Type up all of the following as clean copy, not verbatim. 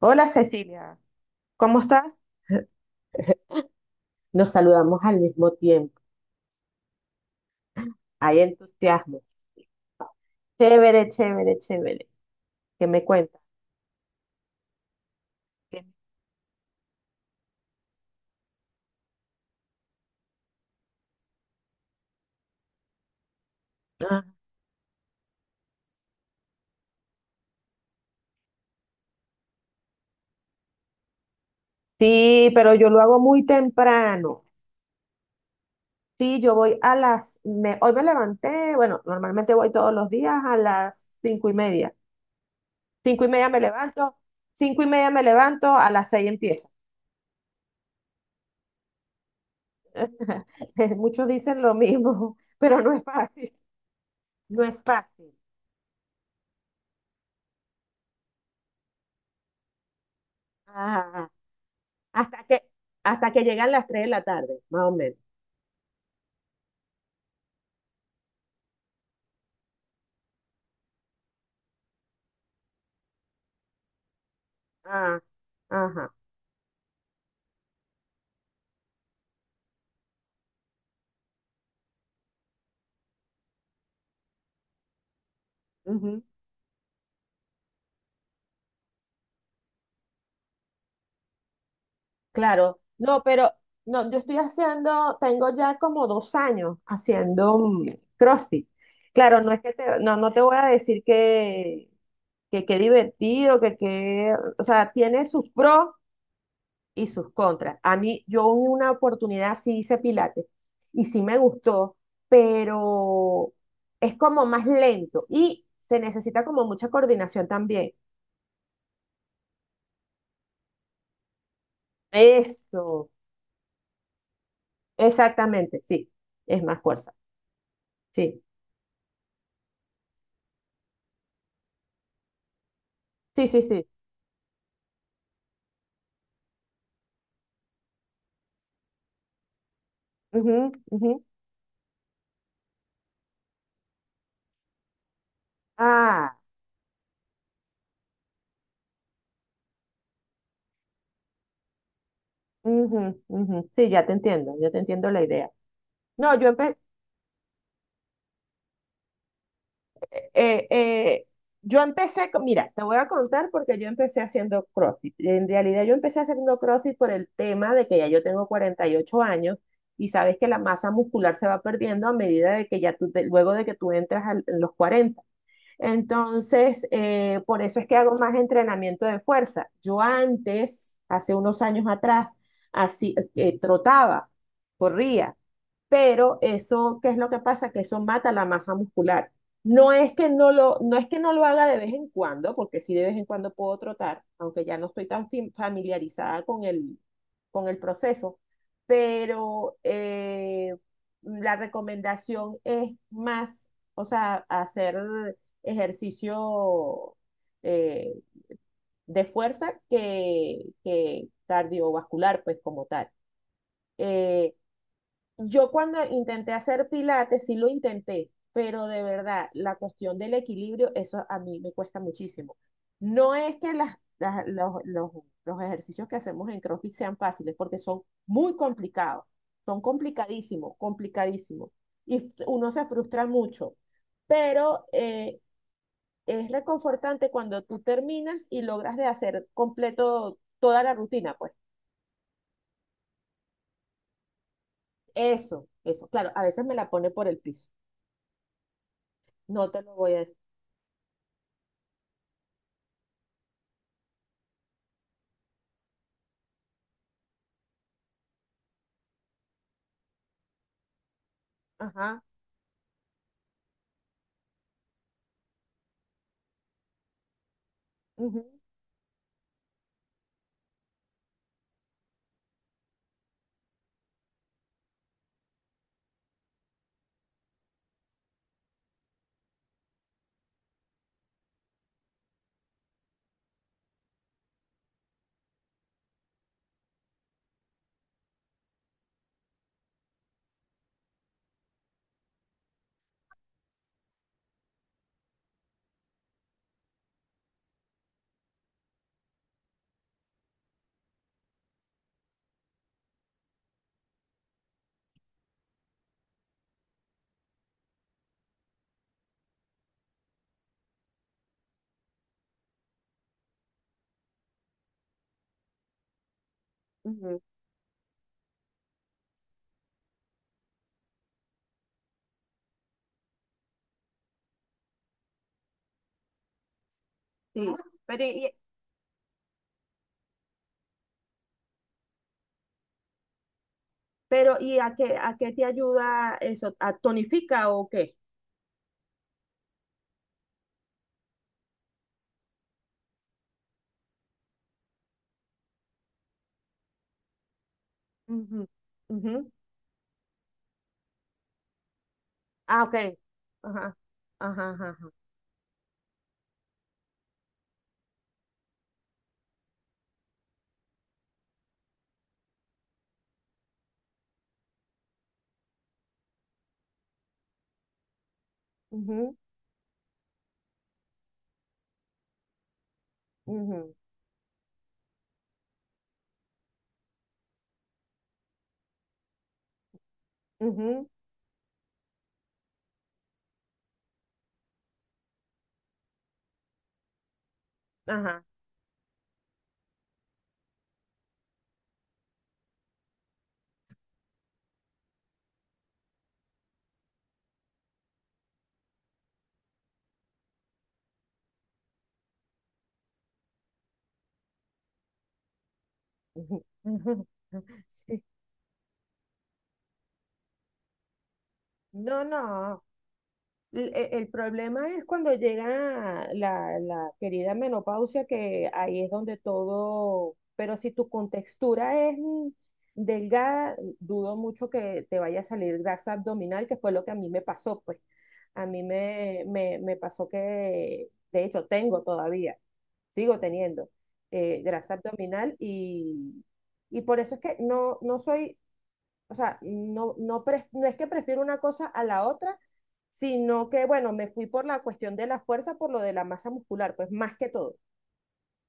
Hola Cecilia, ¿cómo estás? Nos saludamos al mismo tiempo. Hay entusiasmo. Chévere, chévere, chévere. ¿Qué me cuentas? ¿Qué- Ah, sí, pero yo lo hago muy temprano. Sí, yo voy a las... hoy me levanté, bueno, normalmente voy todos los días a las cinco y media. Cinco y media me levanto, cinco y media me levanto, a las seis empieza. Muchos dicen lo mismo, pero no es fácil. No es fácil. Ajá. Hasta que, hasta que llegan las 3 de la tarde, más o menos. Ah, ajá, ujú, claro. No, pero no, yo estoy haciendo, tengo ya como dos años haciendo CrossFit. Claro, no es que te, no, no te voy a decir que qué divertido, que qué, o sea, tiene sus pros y sus contras. A mí, yo en una oportunidad sí hice pilates y sí me gustó, pero es como más lento y se necesita como mucha coordinación también. Eso, exactamente, sí, es más fuerza, sí, sí, sí, sí. Ujú, ujú. Ah, ujú, ujú. Sí, ya te entiendo, yo te entiendo la idea. No, yo, eh, eh, yo empecé, mira, te voy a contar porque yo empecé haciendo CrossFit. En realidad yo empecé haciendo CrossFit por el tema de que ya yo tengo 48 años y sabes que la masa muscular se va perdiendo a medida de que ya tú, luego de que tú entras en los 40. Entonces, por eso es que hago más entrenamiento de fuerza. Yo antes, hace unos años atrás, así, trotaba, corría pero eso, ¿qué es lo que pasa? Que eso mata la masa muscular. No es que no lo, no es que no lo haga de vez en cuando, porque sí de vez en cuando puedo trotar, aunque ya no estoy tan familiarizada con el proceso, pero la recomendación es más, o sea, hacer ejercicio eh, de fuerza que cardiovascular, pues como tal. Eh, yo cuando intenté hacer pilates, sí lo intenté, pero de verdad, la cuestión del equilibrio, eso a mí me cuesta muchísimo. No es que las, los, los ejercicios que hacemos en CrossFit sean fáciles, porque son muy complicados, son complicadísimos, complicadísimos, y uno se frustra mucho, pero es reconfortante cuando tú terminas y logras de hacer completo toda la rutina, pues. Eso, eso. Claro, a veces me la pone por el piso. No te lo voy a ajá. Ujú, ujú, sí. Pero, y, pero, ¿y a qué te ayuda eso? ¿A tonifica o qué? Ujú, ujú. Ah, ok. Ajá. Ajá, ajá, ajá. Ujú, ujú, ujú, ajá. Ujú, ujú. Sí. No, no. El, e, problema es cuando llega la, la querida menopausia, que ahí es donde todo, pero si tu contextura es delgada, dudo mucho que te vaya a salir grasa abdominal, que fue lo que a mí me pasó, pues. A mí me, me, me pasó que, de hecho, tengo todavía, sigo teniendo grasa abdominal y por eso es que no, no soy o sea, no, no, no es que prefiero una cosa a la otra, sino que, bueno, me fui por la cuestión de la fuerza, por lo de la masa muscular, pues más que todo,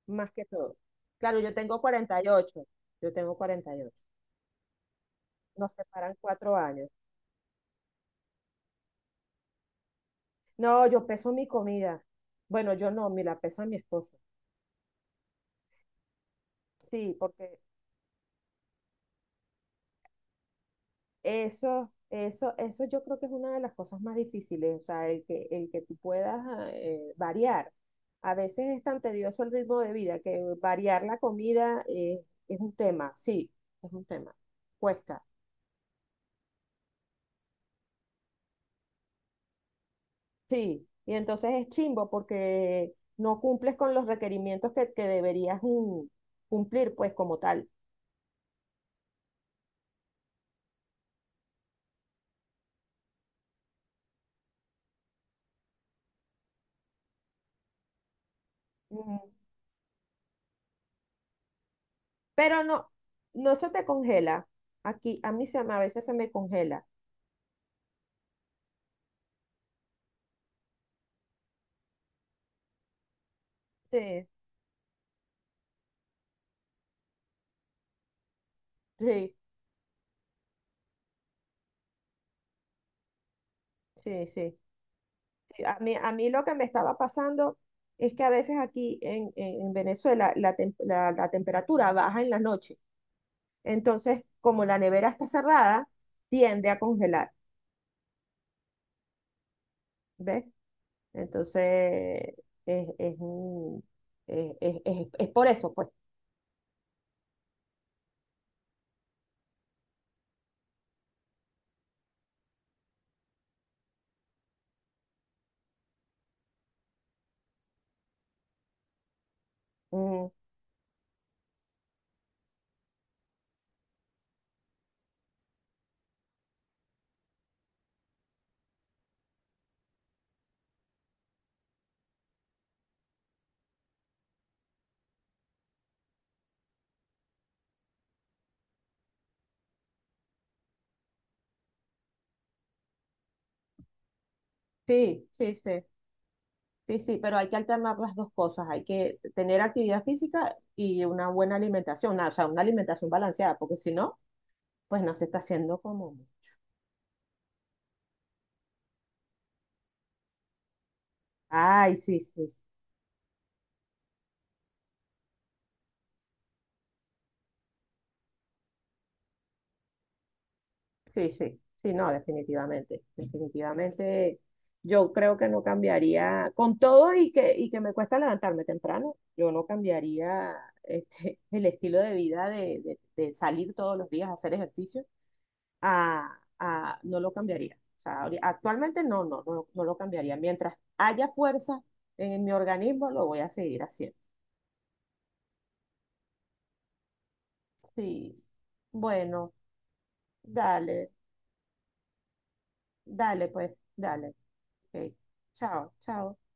más que todo. Claro, yo tengo cuarenta y ocho, yo tengo 48. Nos separan cuatro años. No, yo peso mi comida. Bueno, yo no, me la pesa mi esposo. Sí, porque eso yo creo que es una de las cosas más difíciles, o sea, el que tú puedas ah, variar. A veces es tan tedioso el ritmo de vida que variar la comida es un tema, sí, es un tema, cuesta, sí. Y entonces es chimbo porque no cumples con los requerimientos que deberías cumplir, pues como tal. Ujú. Pero no, no se te congela. Aquí, a mí se, a veces se me congela. Sí, sí, sí, sí. A mí lo que me estaba pasando es que a veces aquí en, en Venezuela la, la temperatura baja en la noche. Entonces, como la nevera está cerrada, tiende a congelar, ¿ves? Entonces, es, es por eso, pues. Mm, sí, sí, sí, sí, sí, pero hay que alternar las dos cosas. Hay que tener actividad física y una buena alimentación, una- o sea, una alimentación balanceada, porque si no, pues no se está haciendo como... Ay, sí, sí, sí, sí, sí, no, definitivamente, definitivamente. Yo creo que no cambiaría, con todo y que me cuesta levantarme temprano, yo no cambiaría este, el estilo de vida de, de salir todos los días a hacer ejercicio, a, no lo cambiaría. O sea, actualmente no, no, no, no lo cambiaría. Mientras haya fuerza en mi organismo, lo voy a seguir haciendo. Sí, bueno, dale, dale, pues, dale. Ok, chao, chao.